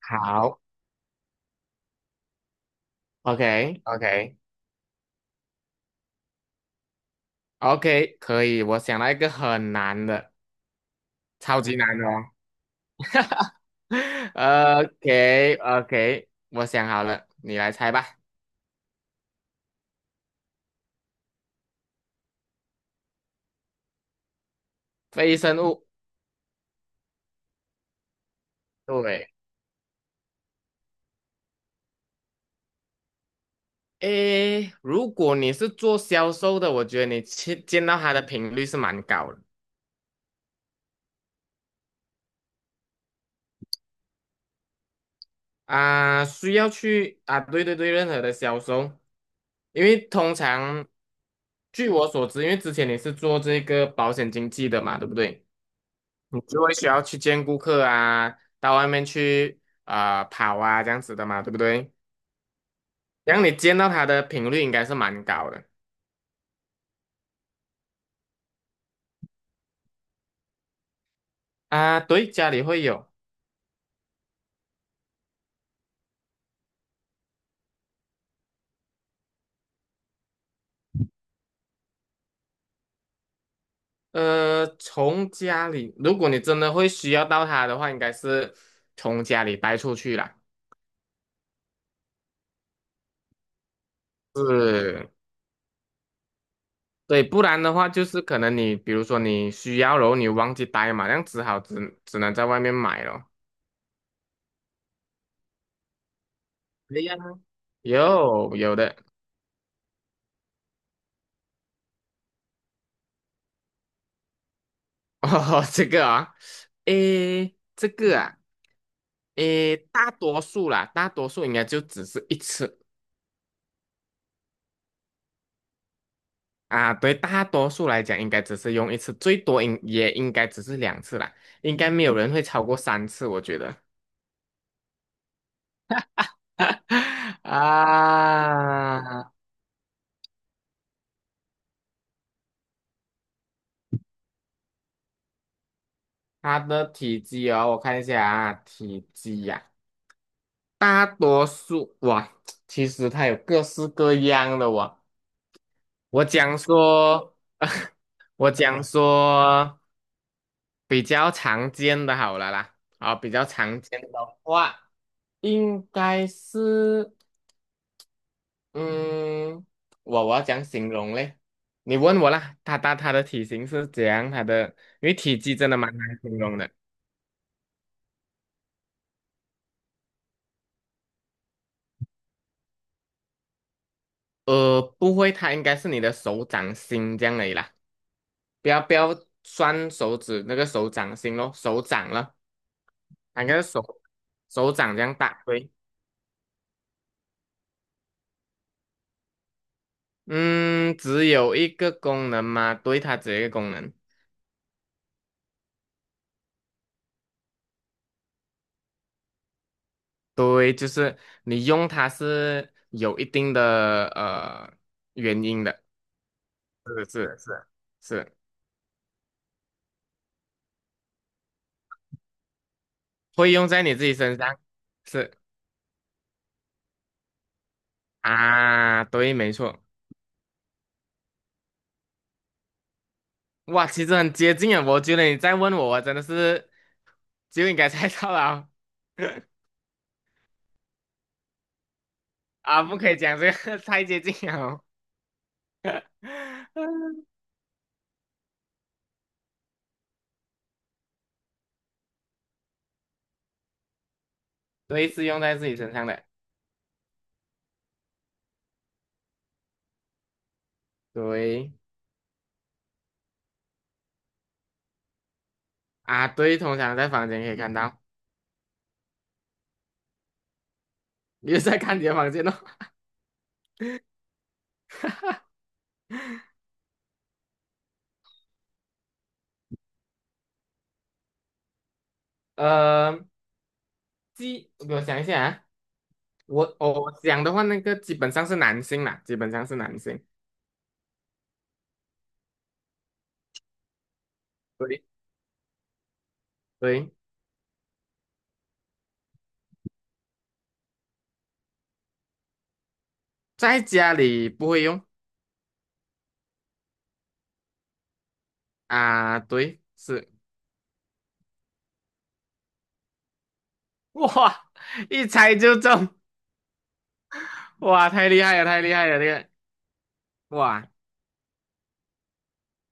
好，OK，OK，OK，可以。我想到一个很难的，超级难的哦。OK，OK，我想好了，你来猜吧。非生物，对。诶，如果你是做销售的，我觉得你去见到它的频率是蛮高的啊，需要去啊，对对对，任何的销售，因为通常据我所知，因为之前你是做这个保险经纪的嘛，对不对？你就会需要去见顾客啊，到外面去啊、跑啊这样子的嘛，对不对？然后你见到他的频率应该是蛮高的啊。对，家里会有，呃，从家里，如果你真的会需要到它的话，应该是从家里带出去啦。是，对，不然的话就是可能你比如说你需要，然后你忘记带嘛，那样只好只能在外面买咯。哎呀，有的。 哦，这个啊，诶，这个啊。诶，大多数啦，大多数应该就只是一次啊。对，大多数来讲，应该只是用一次，最多应也应该只是两次啦。应该没有人会超过三次，我觉得。啊，它的体积哦，我看一下啊，体积呀、大多数哇，其实它有各式各样的哇。我讲说，我讲说。比较常见的好了啦，啊，比较常见的话，应该是，嗯，我要讲形容嘞？你问我啦，它的体型是怎样？它的因为体积真的蛮难形容的，呃，不会，它应该是你的手掌心这样而已啦，不要不要算手指那个手掌心咯，手掌了，它应该是手掌这样大，对，嗯，只有一个功能嘛，对，它只有一个功能。对，就是你用它是有一定的原因的，是是是是，会用在你自己身上，是啊，对，没错，哇，其实很接近啊，我觉得你再问我，我真的是就应该猜到了哦 啊，不可以讲这个 太接近了哦，对，是用在自己身上的，对啊，对，通常在房间可以看到，你就在看你的房间哦，呃，记，我想一下啊。我讲的话，那个基本上是男性啦，基本上是男性。对对，在家里不会用啊，对，是 哇，一猜就中，哇，太厉害了，太厉害了，这个哇，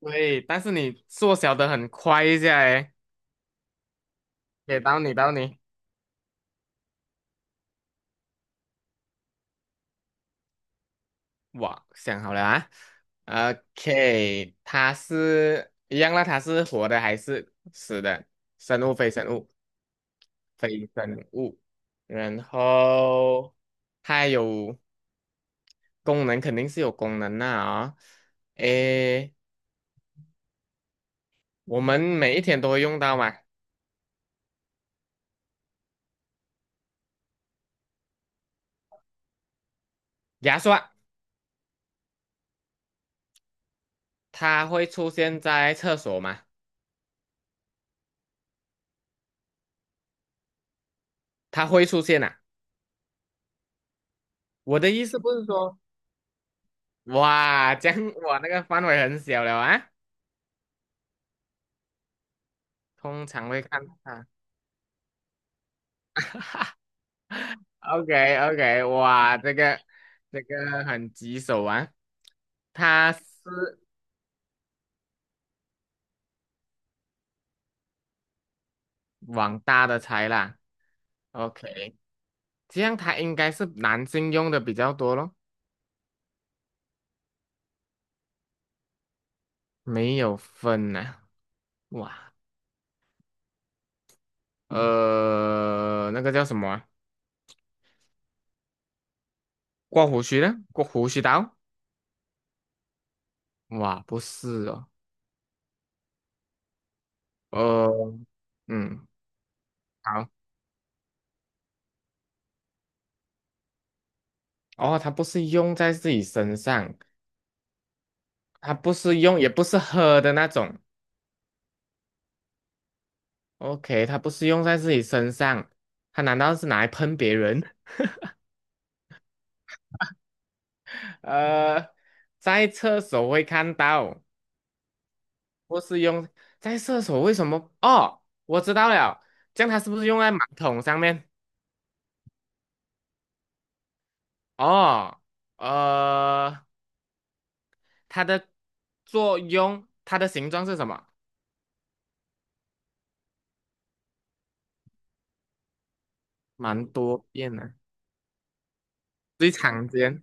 对，但是你缩小的很快一下诶，给到你，到你，哇，想好了啊，OK，它是一样啦，它是活的还是死的？生物非生物？非生物，然后它有功能，肯定是有功能的啊、诶，我们每一天都会用到嘛，牙刷。它会出现在厕所吗？它会出现啊。我的意思不是说，哇，这样我那个范围很小了啊，通常会看到它。o k o k 哇，这个这个很棘手啊，它是往大的猜啦。OK，这样它应该是男性用的比较多咯，没有分呐、哇，呃，那个叫什么啊？刮胡须的，刮胡须刀？哇，不是哦，呃，嗯，好，哦，它不是用在自己身上，它不是用，也不是喝的那种。OK，它不是用在自己身上，它难道是拿来喷别人？呃，在厕所会看到，不是用在厕所，为什么？哦，我知道了，这样它是不是用在马桶上面？哦，呃，它的作用，它的形状是什么？蛮多变的，最常见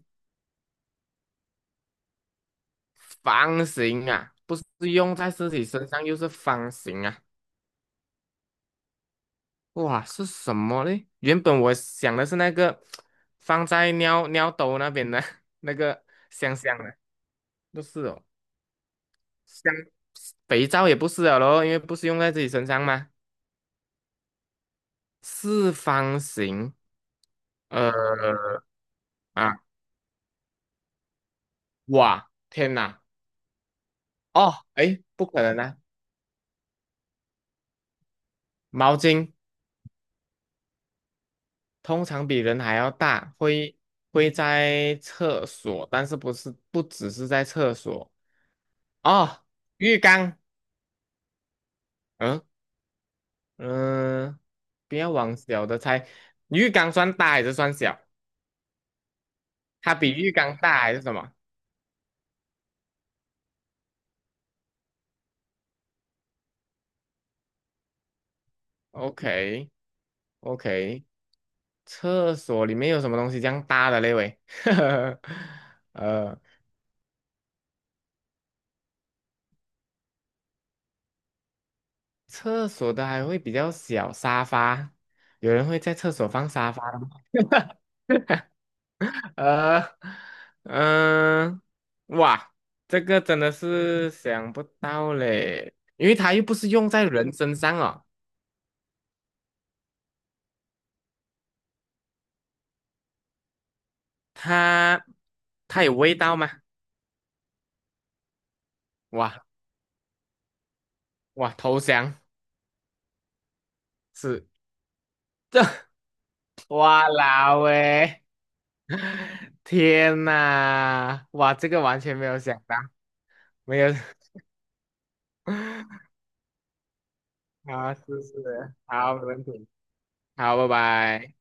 方形啊，不是用在自己身上，又是方形啊。哇，是什么嘞？原本我想的是那个放在尿尿兜那边的 那个香香的，不是哦。像肥皂也不是了咯，因为不是用在自己身上吗？四方形，呃啊，哇，天哪，哦，诶，不可能啊！毛巾。通常比人还要大，会会在厕所，但是不只是在厕所哦，浴缸，嗯嗯、不要往小的猜，浴缸算大还是算小？它比浴缸大还是什么？OK OK，厕所里面有什么东西这样大的嘞喂？呃，厕所的还会比较小，沙发，有人会在厕所放沙发的吗？呃，嗯、哇，这个真的是想不到嘞，因为它又不是用在人身上哦，它它有味道吗？哇哇，投降是这，哇啦喂！天呐，哇，这个完全没有想到，没有 啊，是是，好，没问题，好，拜拜。